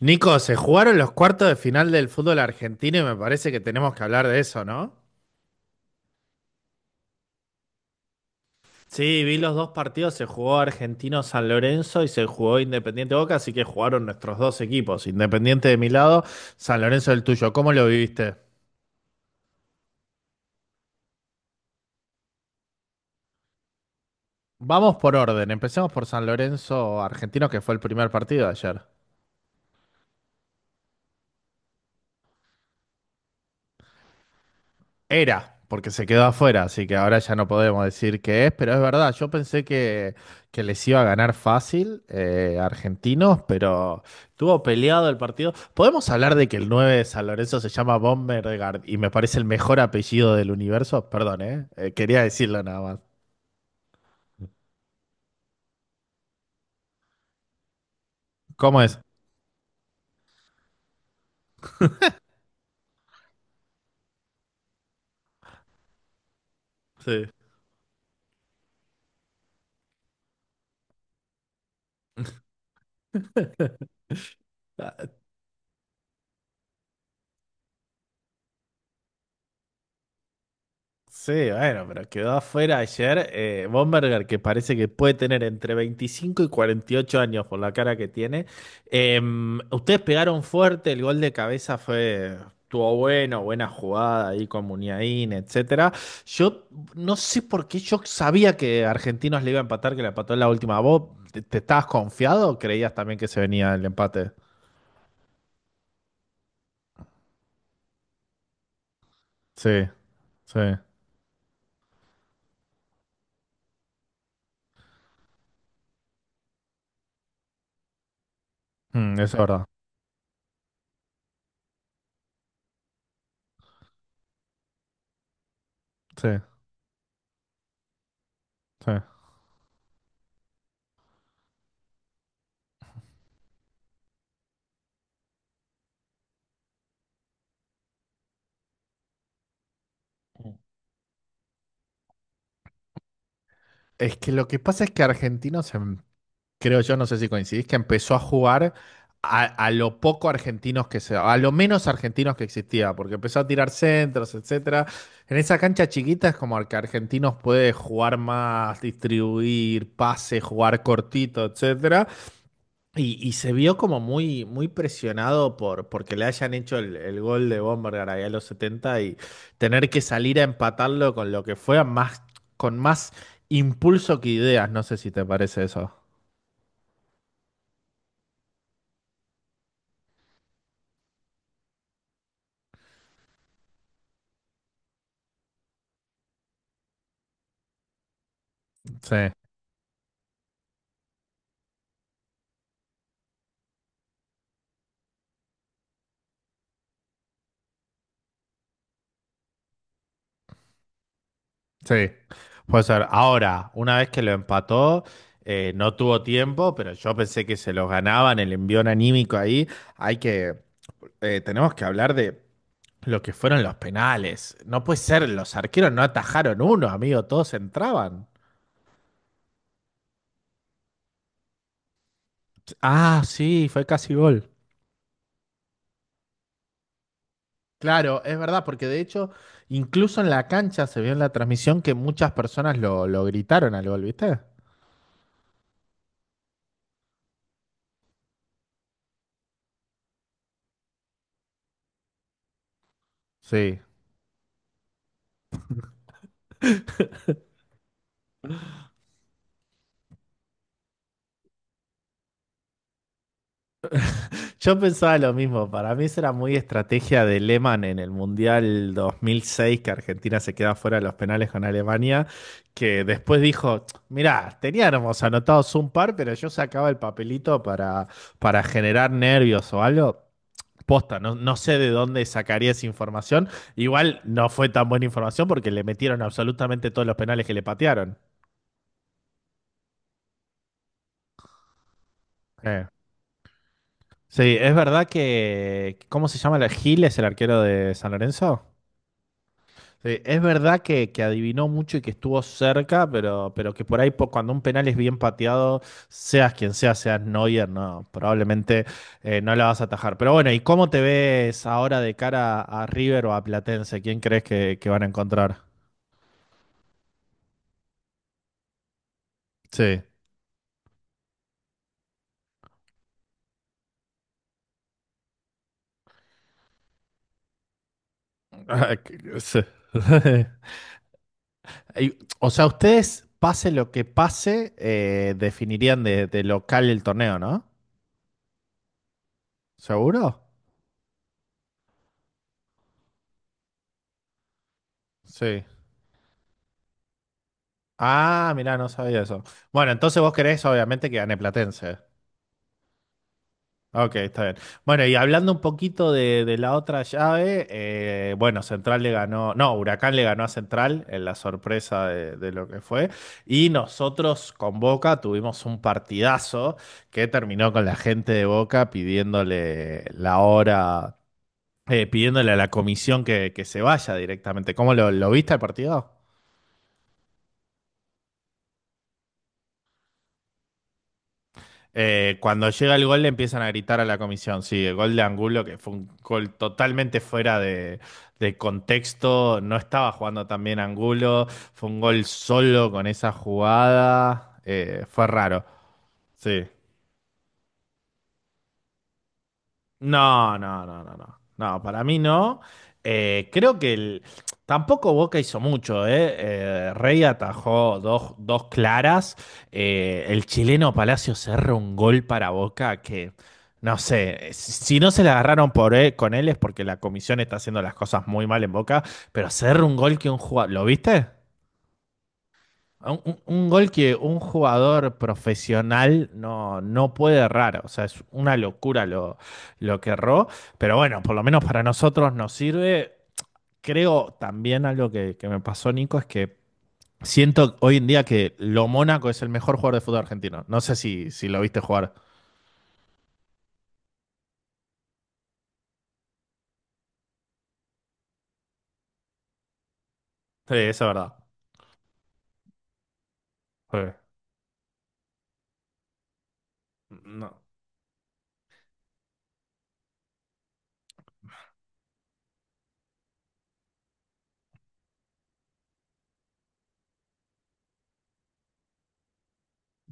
Nico, se jugaron los cuartos de final del fútbol argentino y me parece que tenemos que hablar de eso, ¿no? Sí, vi los dos partidos, se jugó Argentino San Lorenzo y se jugó Independiente Boca, así que jugaron nuestros dos equipos, Independiente de mi lado, San Lorenzo del tuyo. ¿Cómo lo viviste? Vamos por orden, empecemos por San Lorenzo Argentino, que fue el primer partido de ayer. Era, porque se quedó afuera, así que ahora ya no podemos decir qué es, pero es verdad, yo pensé que les iba a ganar fácil argentinos, pero estuvo peleado el partido. Podemos hablar de que el 9 de San Lorenzo se llama Bombergard y me parece el mejor apellido del universo, perdón, ¿eh? Quería decirlo nada más. ¿Cómo es? Sí. Sí, bueno, pero quedó afuera ayer Bomberger, que parece que puede tener entre 25 y 48 años por la cara que tiene. Eh, Ustedes pegaron fuerte, el gol de cabeza fue, estuvo bueno, buena jugada ahí con Muniain, etcétera. Yo no sé por qué yo sabía que Argentinos le iba a empatar, que le empató en la última. ¿Vos te estabas confiado o creías también que se venía el empate? Sí, sí. Mm, eso es verdad. Sí, sí. Es que lo que pasa es que Argentinos creo yo, no sé si coincidís, que empezó a jugar a lo poco argentinos que se, a lo menos argentinos que existía, porque empezó a tirar centros, etcétera. En esa cancha chiquita es como al que argentinos puede jugar más, distribuir, pase, jugar cortito, etcétera. Y se vio como muy, muy presionado por porque le hayan hecho el gol de Bombergar ahí a los 70 y tener que salir a empatarlo con lo que fue más, con más impulso que ideas. No sé si te parece eso. Sí. Sí, puede ser. Ahora, una vez que lo empató, no tuvo tiempo, pero yo pensé que se los ganaban, el envión anímico ahí. Hay que, tenemos que hablar de lo que fueron los penales. No puede ser, los arqueros no atajaron uno, amigo, todos entraban. Ah, sí, fue casi gol. Claro, es verdad, porque de hecho, incluso en la cancha se vio en la transmisión que muchas personas lo gritaron al gol, ¿viste? Sí. Yo pensaba lo mismo, para mí eso era muy estrategia de Lehmann en el Mundial 2006, que Argentina se queda fuera de los penales con Alemania, que después dijo, mirá, teníamos anotados un par, pero yo sacaba el papelito para generar nervios o algo. Posta, no, no sé de dónde sacaría esa información. Igual no fue tan buena información porque le metieron absolutamente todos los penales que le patearon. Eh. Sí, es verdad que, ¿cómo se llama? ¿Gil es el arquero de San Lorenzo? Sí, es verdad que adivinó mucho y que estuvo cerca, pero que por ahí cuando un penal es bien pateado, seas quien sea, seas Neuer, no, probablemente no la vas a atajar. Pero bueno, ¿y cómo te ves ahora de cara a, River o a Platense? ¿Quién crees que van a encontrar? Sí. Ah, que- sí. Y, o sea, ustedes, pase lo que pase, definirían de local el torneo, ¿no? ¿Seguro? Sí. Ah, mirá, no sabía eso. Bueno, entonces vos querés obviamente que gane Platense. Ok, está bien. Bueno, y hablando un poquito de la otra llave, bueno, Central le ganó, no, Huracán le ganó a Central en la sorpresa de lo que fue. Y nosotros con Boca tuvimos un partidazo que terminó con la gente de Boca pidiéndole la hora, pidiéndole a la comisión que se vaya directamente. ¿Cómo lo viste el partido? Cuando llega el gol le empiezan a gritar a la comisión, sí, el gol de Angulo, que fue un gol totalmente fuera de contexto, no estaba jugando tan bien Angulo, fue un gol solo con esa jugada, fue raro, sí. No, no, no, no, no. No, para mí no. Creo que tampoco Boca hizo mucho, ¿eh? Rey atajó dos, dos claras. El chileno Palacio cerró un gol para Boca que, no sé, si no se la agarraron por con él es porque la comisión está haciendo las cosas muy mal en Boca, pero cerró un gol que un jugador... ¿Lo viste? Un, un gol que un jugador profesional no, no puede errar, o sea, es una locura lo que erró, pero bueno, por lo menos para nosotros nos sirve. Creo también algo que me pasó, Nico, es que siento hoy en día que Lo Mónaco es el mejor jugador de fútbol argentino. No sé si, si lo viste jugar. Sí, eso es verdad. Sí. No.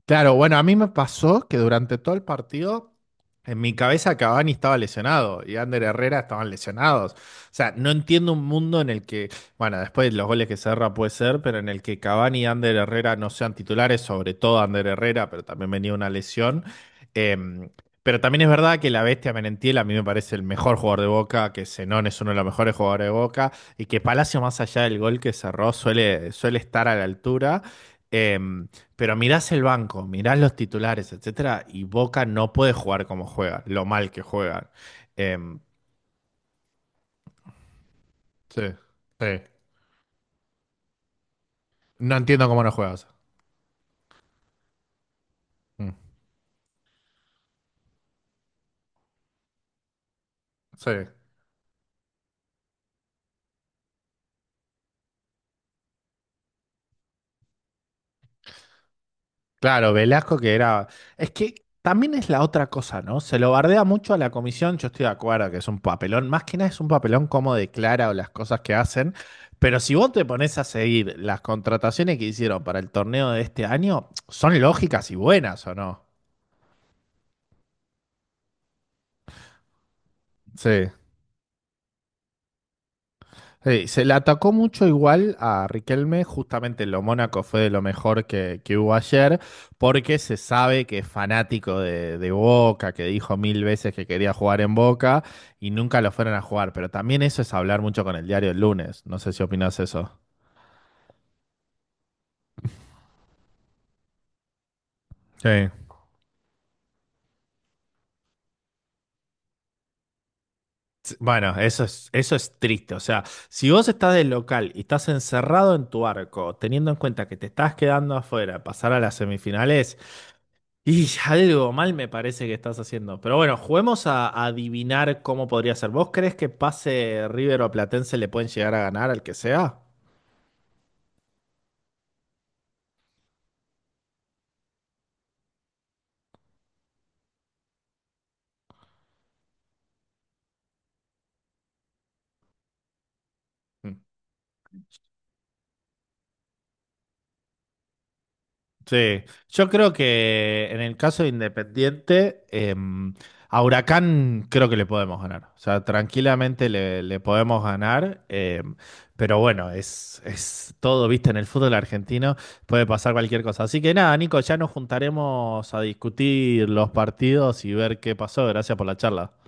Claro, bueno, a mí me pasó que durante todo el partido en mi cabeza Cavani estaba lesionado y Ander Herrera estaban lesionados. O sea, no entiendo un mundo en el que, bueno, después los goles que cerra puede ser, pero en el que Cavani y Ander Herrera no sean titulares, sobre todo Ander Herrera, pero también venía una lesión. Eh, pero también es verdad que la bestia Merentiel a mí me parece el mejor jugador de Boca, que Zenón es uno de los mejores jugadores de Boca y que Palacio, más allá del gol que cerró, suele, suele estar a la altura. Eh, pero mirás el banco, mirás los titulares, etcétera, y Boca no puede jugar como juega, lo mal que juegan. Em, Sí, sí. No entiendo cómo no juegas. Mm, sí. Claro, Velasco que era. Es que también es la otra cosa, ¿no? Se lo bardea mucho a la comisión, yo estoy de acuerdo que es un papelón, más que nada es un papelón como declara o las cosas que hacen, pero si vos te pones a seguir las contrataciones que hicieron para el torneo de este año, son lógicas y buenas, ¿o no? Sí, sí, se le atacó mucho igual a Riquelme, justamente en lo Mónaco fue de lo mejor que hubo ayer, porque se sabe que es fanático de Boca, que dijo mil veces que quería jugar en Boca y nunca lo fueron a jugar, pero también eso es hablar mucho con el diario el lunes, no sé si opinas eso. Sí. Sí, bueno, eso es triste. O sea, si vos estás del local y estás encerrado en tu arco, teniendo en cuenta que te estás quedando afuera, pasar a las semifinales, y algo mal me parece que estás haciendo. Pero bueno, juguemos a adivinar cómo podría ser. ¿Vos crees que pase River o Platense le pueden llegar a ganar al que sea? Mm. Sí, yo creo que en el caso de Independiente, a Huracán creo que le podemos ganar. O sea, tranquilamente le podemos ganar. Pero bueno, es todo, viste, en el fútbol argentino puede pasar cualquier cosa. Así que nada, Nico, ya nos juntaremos a discutir los partidos y ver qué pasó. Gracias por la charla.